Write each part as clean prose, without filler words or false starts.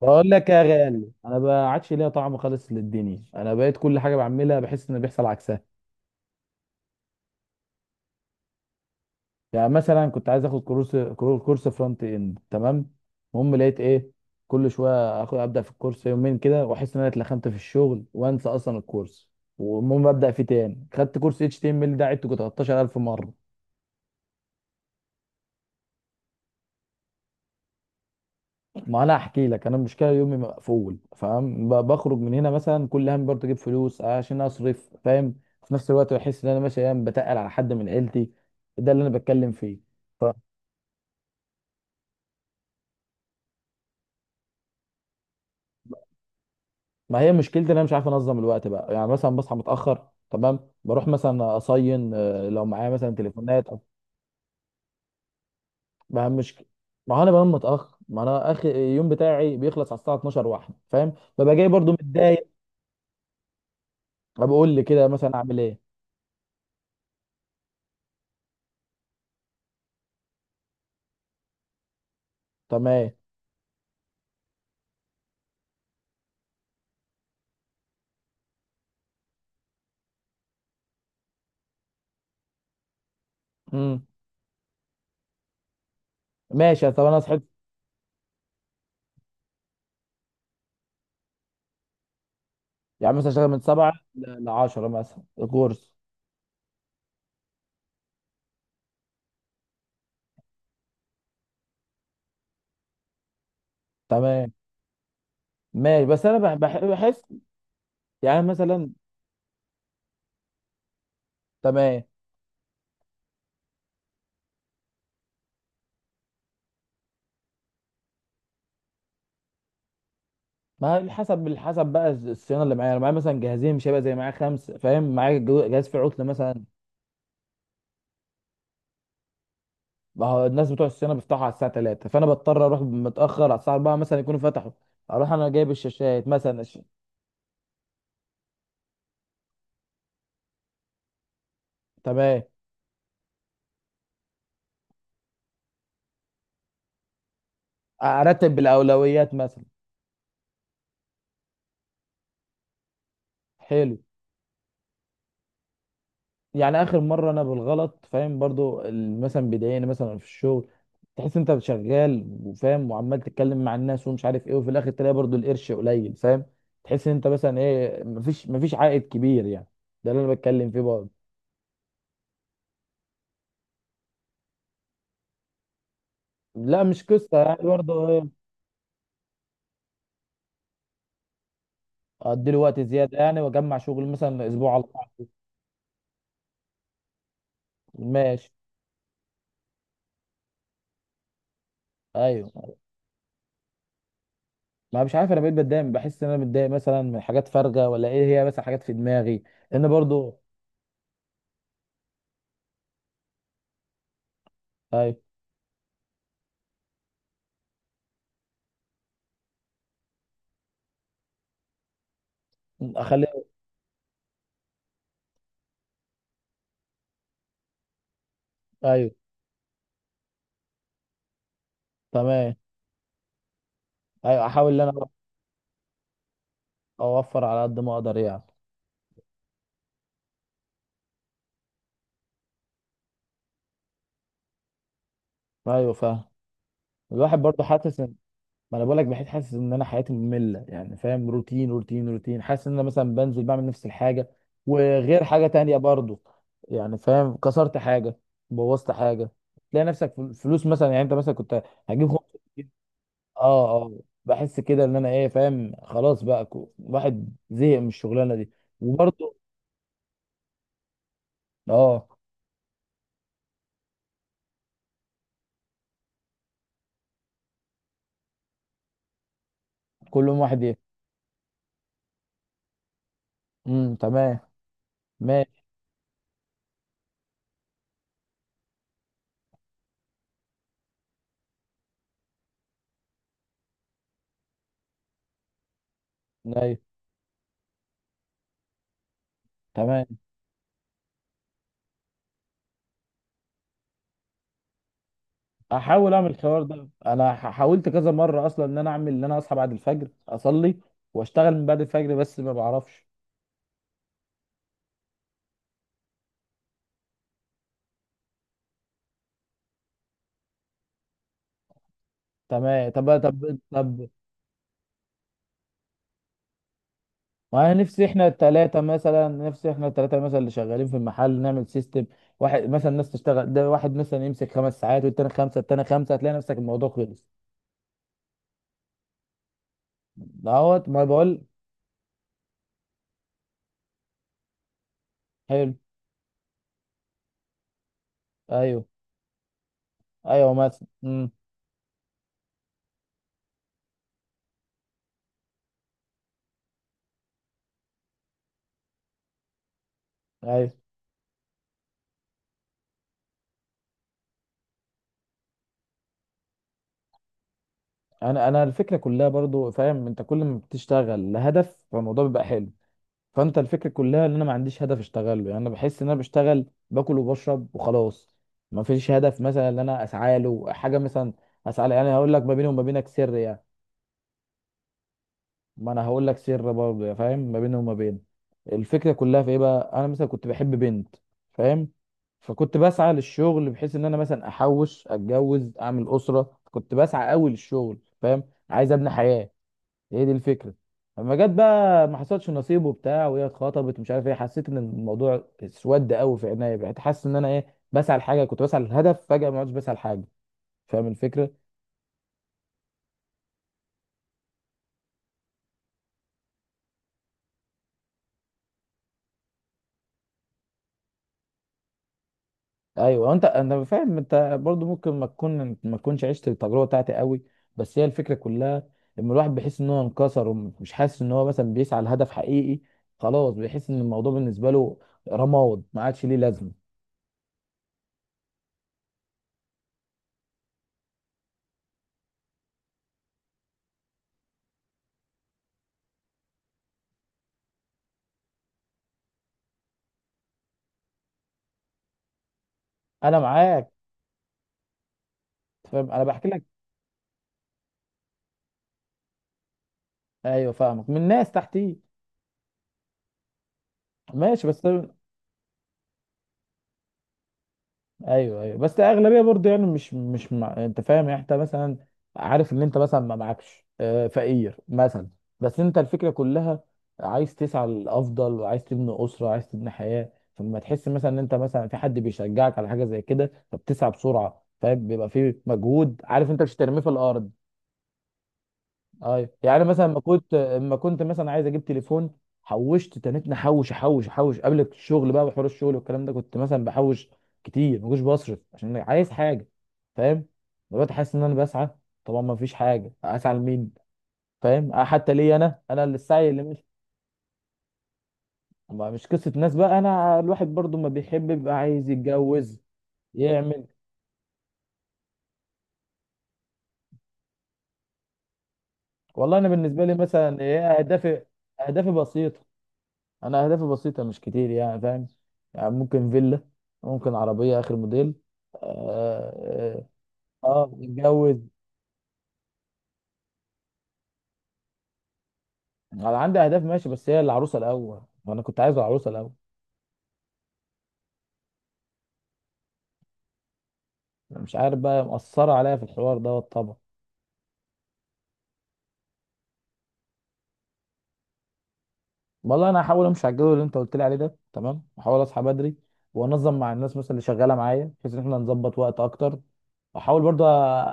بقول لك يا غالي، انا ما عادش ليا طعم خالص للدنيا. انا بقيت كل حاجه بعملها بحس ان بيحصل عكسها. يعني مثلا كنت عايز اخد كورس فرونت اند، تمام. المهم لقيت ايه، كل شويه اخد ابدا في الكورس يومين كده واحس ان انا اتلخمت في الشغل وانسى اصلا الكورس. والمهم ابدا فيه تاني، خدت كورس اتش تي ام ال ده عدته 13,000 مره. ما انا احكي لك انا، المشكله يومي مقفول، فاهم؟ بخرج من هنا مثلا، كل هم برضه اجيب فلوس عشان اصرف، فاهم؟ في نفس الوقت بحس ان انا ماشي ايام بتقل على حد من عيلتي. ده اللي انا بتكلم فيه. فما هي مشكلتي ان انا مش عارف انظم الوقت بقى. يعني مثلا بصحى متاخر، تمام، بروح مثلا اصين، لو معايا مثلا تليفونات ما هم مش. ما هو انا بنام متاخر، ما انا اخر اليوم بتاعي بيخلص على الساعه 12 واحده، فاهم؟ ببقى جاي برضه متضايق. بقول لي كده مثلا اعمل ايه؟ تمام. امم. ماشي، طب انا صحيت. يعني مثلا اشتغل من 7 ل10 مثلا الكورس. تمام. ماشي، بس انا بحس. يعني مثلا. تمام. ما هي حسب بقى الصيانه اللي معايا، انا معايا مثلا جهازين، مش هيبقى زي معايا خمسه، فاهم؟ معايا جهاز فيه عطل مثلا. ما هو الناس بتوع الصيانه بيفتحوا على الساعه 3، فانا بضطر اروح متاخر على الساعه 4 مثلا يكونوا فتحوا. اروح انا جايب الشاشات مثلا تمام. ارتب بالاولويات مثلا. حلو. يعني اخر مره انا بالغلط، فاهم؟ برضو مثلا بيضايقني مثلا في الشغل. تحس انت شغال وفاهم وعمال تتكلم مع الناس ومش عارف ايه، وفي الاخر تلاقي برضو القرش قليل، فاهم؟ تحس ان انت مثلا ايه، مفيش عائد كبير يعني. ده اللي انا بتكلم فيه برضو. لا مش قصه يعني برضو ايه. ادي له وقت زياده يعني، واجمع شغل مثلا اسبوع على بعض. ماشي. ايوه. ما مش عارف، انا بقيت بتضايق، بحس ان انا متضايق مثلا من حاجات فارغه، ولا ايه، هي بس حاجات في دماغي. لان برضو. ايوه. اخليها. ايوه. تمام. ايوه احاول ان انا اوفر على قد ما اقدر يعني. ايوه فاهم. الواحد برضه حاسس ان، ما انا بقول لك، بحيث حاسس ان انا حياتي ممله يعني، فاهم؟ روتين روتين روتين، حاسس ان انا مثلا بنزل بعمل نفس الحاجه. وغير حاجه تانية برضه، يعني فاهم؟ كسرت حاجه، بوظت حاجه، تلاقي نفسك فلوس مثلا، يعني انت مثلا كنت هجيب 5 جنيه. اه اه. بحس كده ان انا ايه، فاهم؟ خلاص بقى، الواحد زهق من الشغلانه دي. وبرضه اه. كل يوم واحد ايه. امم. تمام. ماشي. ايوه. تمام. احاول اعمل الحوار ده، انا حاولت كذا مره اصلا ان انا اعمل، ان انا اصحى بعد الفجر اصلي واشتغل من بعد الفجر، بس ما بعرفش. تمام. طب طب طب. ما أنا نفسي احنا الثلاثه مثلا، اللي شغالين في المحل نعمل سيستم. واحد مثلا، ناس تشتغل، ده واحد مثلا يمسك 5 ساعات والتاني خمسه، التاني خمسه، هتلاقي نفسك الموضوع خلص. دهوت ما بقول. حلو. ايوه. ايوه مثلا. امم. ايوه انا الفكره كلها، برضو فاهم؟ انت كل ما بتشتغل لهدف فالموضوع بيبقى حلو. فانت الفكره كلها ان انا ما عنديش هدف اشتغله، يعني انا بحس ان انا بشتغل باكل وبشرب وخلاص. ما فيش هدف مثلا ان انا اسعى له حاجه مثلا اسعى له. يعني هقول لك، ما بيني وما بينك سر يعني. ما انا هقول لك سر برضه يا فاهم، ما بيني وما بين. الفكره كلها في ايه بقى، انا مثلا كنت بحب بنت، فاهم؟ فكنت بسعى للشغل، بحيث ان انا مثلا احوش، اتجوز، اعمل اسره، كنت بسعى قوي للشغل، فاهم؟ عايز ابني حياه. هي دي الفكره. اما جت بقى ما حصلش نصيب وبتاع، وهي اتخطبت ومش عارف ايه، حسيت ان الموضوع اسود قوي في عينيا، بقيت حاسس ان انا ايه بسعى لحاجه. كنت بسعى للهدف، فجاه ما عدتش بسعى لحاجه، فاهم الفكره؟ ايوه انت، انا فاهم، انت برضو ممكن ما تكونش عشت التجربه بتاعتي قوي. بس هي الفكره كلها، لما الواحد بيحس ان هو انكسر، ومش حاسس ان هو مثلا بيسعى لهدف حقيقي، خلاص بيحس ان الموضوع بالنسبه له رماد، ما عادش ليه لازمه. انا معاك، فاهم، انا بحكي لك. ايوه فاهمك، من ناس تحتي. ماشي بس. ايوه. ايوه بس اغلبيه برضه يعني، مش مع انت فاهم يعني؟ انت مثلا عارف ان انت مثلا ما معكش، فقير مثلا. بس انت الفكره كلها، عايز تسعى للافضل وعايز تبني اسره وعايز تبني حياه. فلما تحس مثلا ان انت مثلا في حد بيشجعك على حاجه زي كده، فبتسعى بسرعه، فاهم؟ بيبقى في مجهود، عارف انت مش هترميه في الارض. ايوه يعني مثلا، ما كنت مثلا عايز اجيب تليفون، حوشت تنيت، نحوش، احوش احوش قبل الشغل بقى. وحوار الشغل والكلام ده كنت مثلا بحوش كتير، ما كنتش بصرف، عشان أنا عايز حاجه، فاهم؟ دلوقتي حاسس ان انا بسعى، طبعا ما فيش حاجه، اسعى لمين؟ فاهم حتى ليه انا اللي السعي اللي مش. مش قصه ناس بقى، انا الواحد برضو ما بيحب يبقى، عايز يتجوز، يعمل. والله انا بالنسبه لي مثلا ايه اهدافي. اهدافي بسيطه، انا اهدافي بسيطه مش كتير يعني فاهم؟ يعني ممكن فيلا، ممكن عربيه اخر موديل. اه. اه، اتجوز. انا عندي اهداف ماشي، بس هي العروسه الاول، وانا كنت عايز العروسه الاول. أنا مش عارف بقى، مأثره عليا في الحوار دوت طبعا. والله انا هحاول امشي على الجدول اللي انت قلت لي عليه ده، تمام، هحاول اصحى بدري، وانظم مع الناس مثلا اللي شغاله معايا، بحيث ان احنا نظبط وقت اكتر. احاول برضه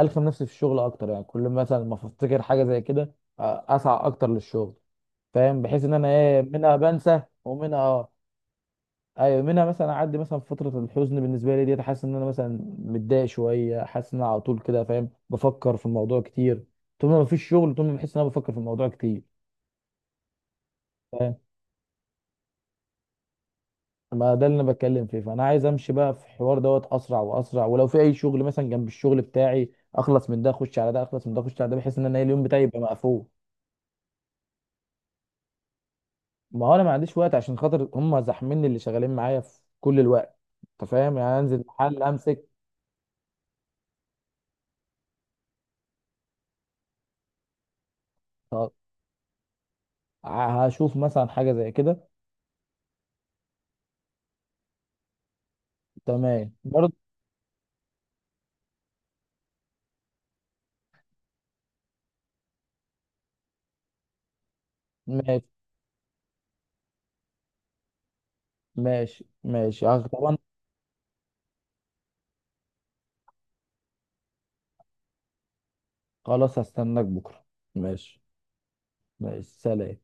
الخم نفسي في الشغل اكتر، يعني كل مثلا ما افتكر حاجه زي كده اسعى اكتر للشغل، فاهم؟ بحيث ان انا ايه، منها بنسى ومنها اه. ايوه منها مثلا اعدي مثلا فتره الحزن، بالنسبه لي ديت حاسس ان انا مثلا متضايق شويه، حاسس ان انا على طول كده فاهم؟ بفكر في الموضوع كتير، طول ما مفيش شغل، طول ما بحس ان انا بفكر في الموضوع كتير، فاهم؟ ما ده اللي انا بتكلم فيه، فانا عايز امشي بقى في الحوار دوت اسرع واسرع، ولو في اي شغل مثلا جنب الشغل بتاعي، اخلص من ده اخش على ده، اخلص من ده اخش على ده، بحيث ان انا إيه اليوم بتاعي يبقى مقفول. ما هو انا ما عنديش وقت عشان خاطر هم زحميني اللي شغالين معايا في كل الوقت، انت فاهم يعني؟ انزل محل امسك. هشوف مثلا حاجة زي كده. تمام برضه. ماشي ماشي ماشي، طبعا. خلاص هستناك بكرة. ماشي. ماشي سلام.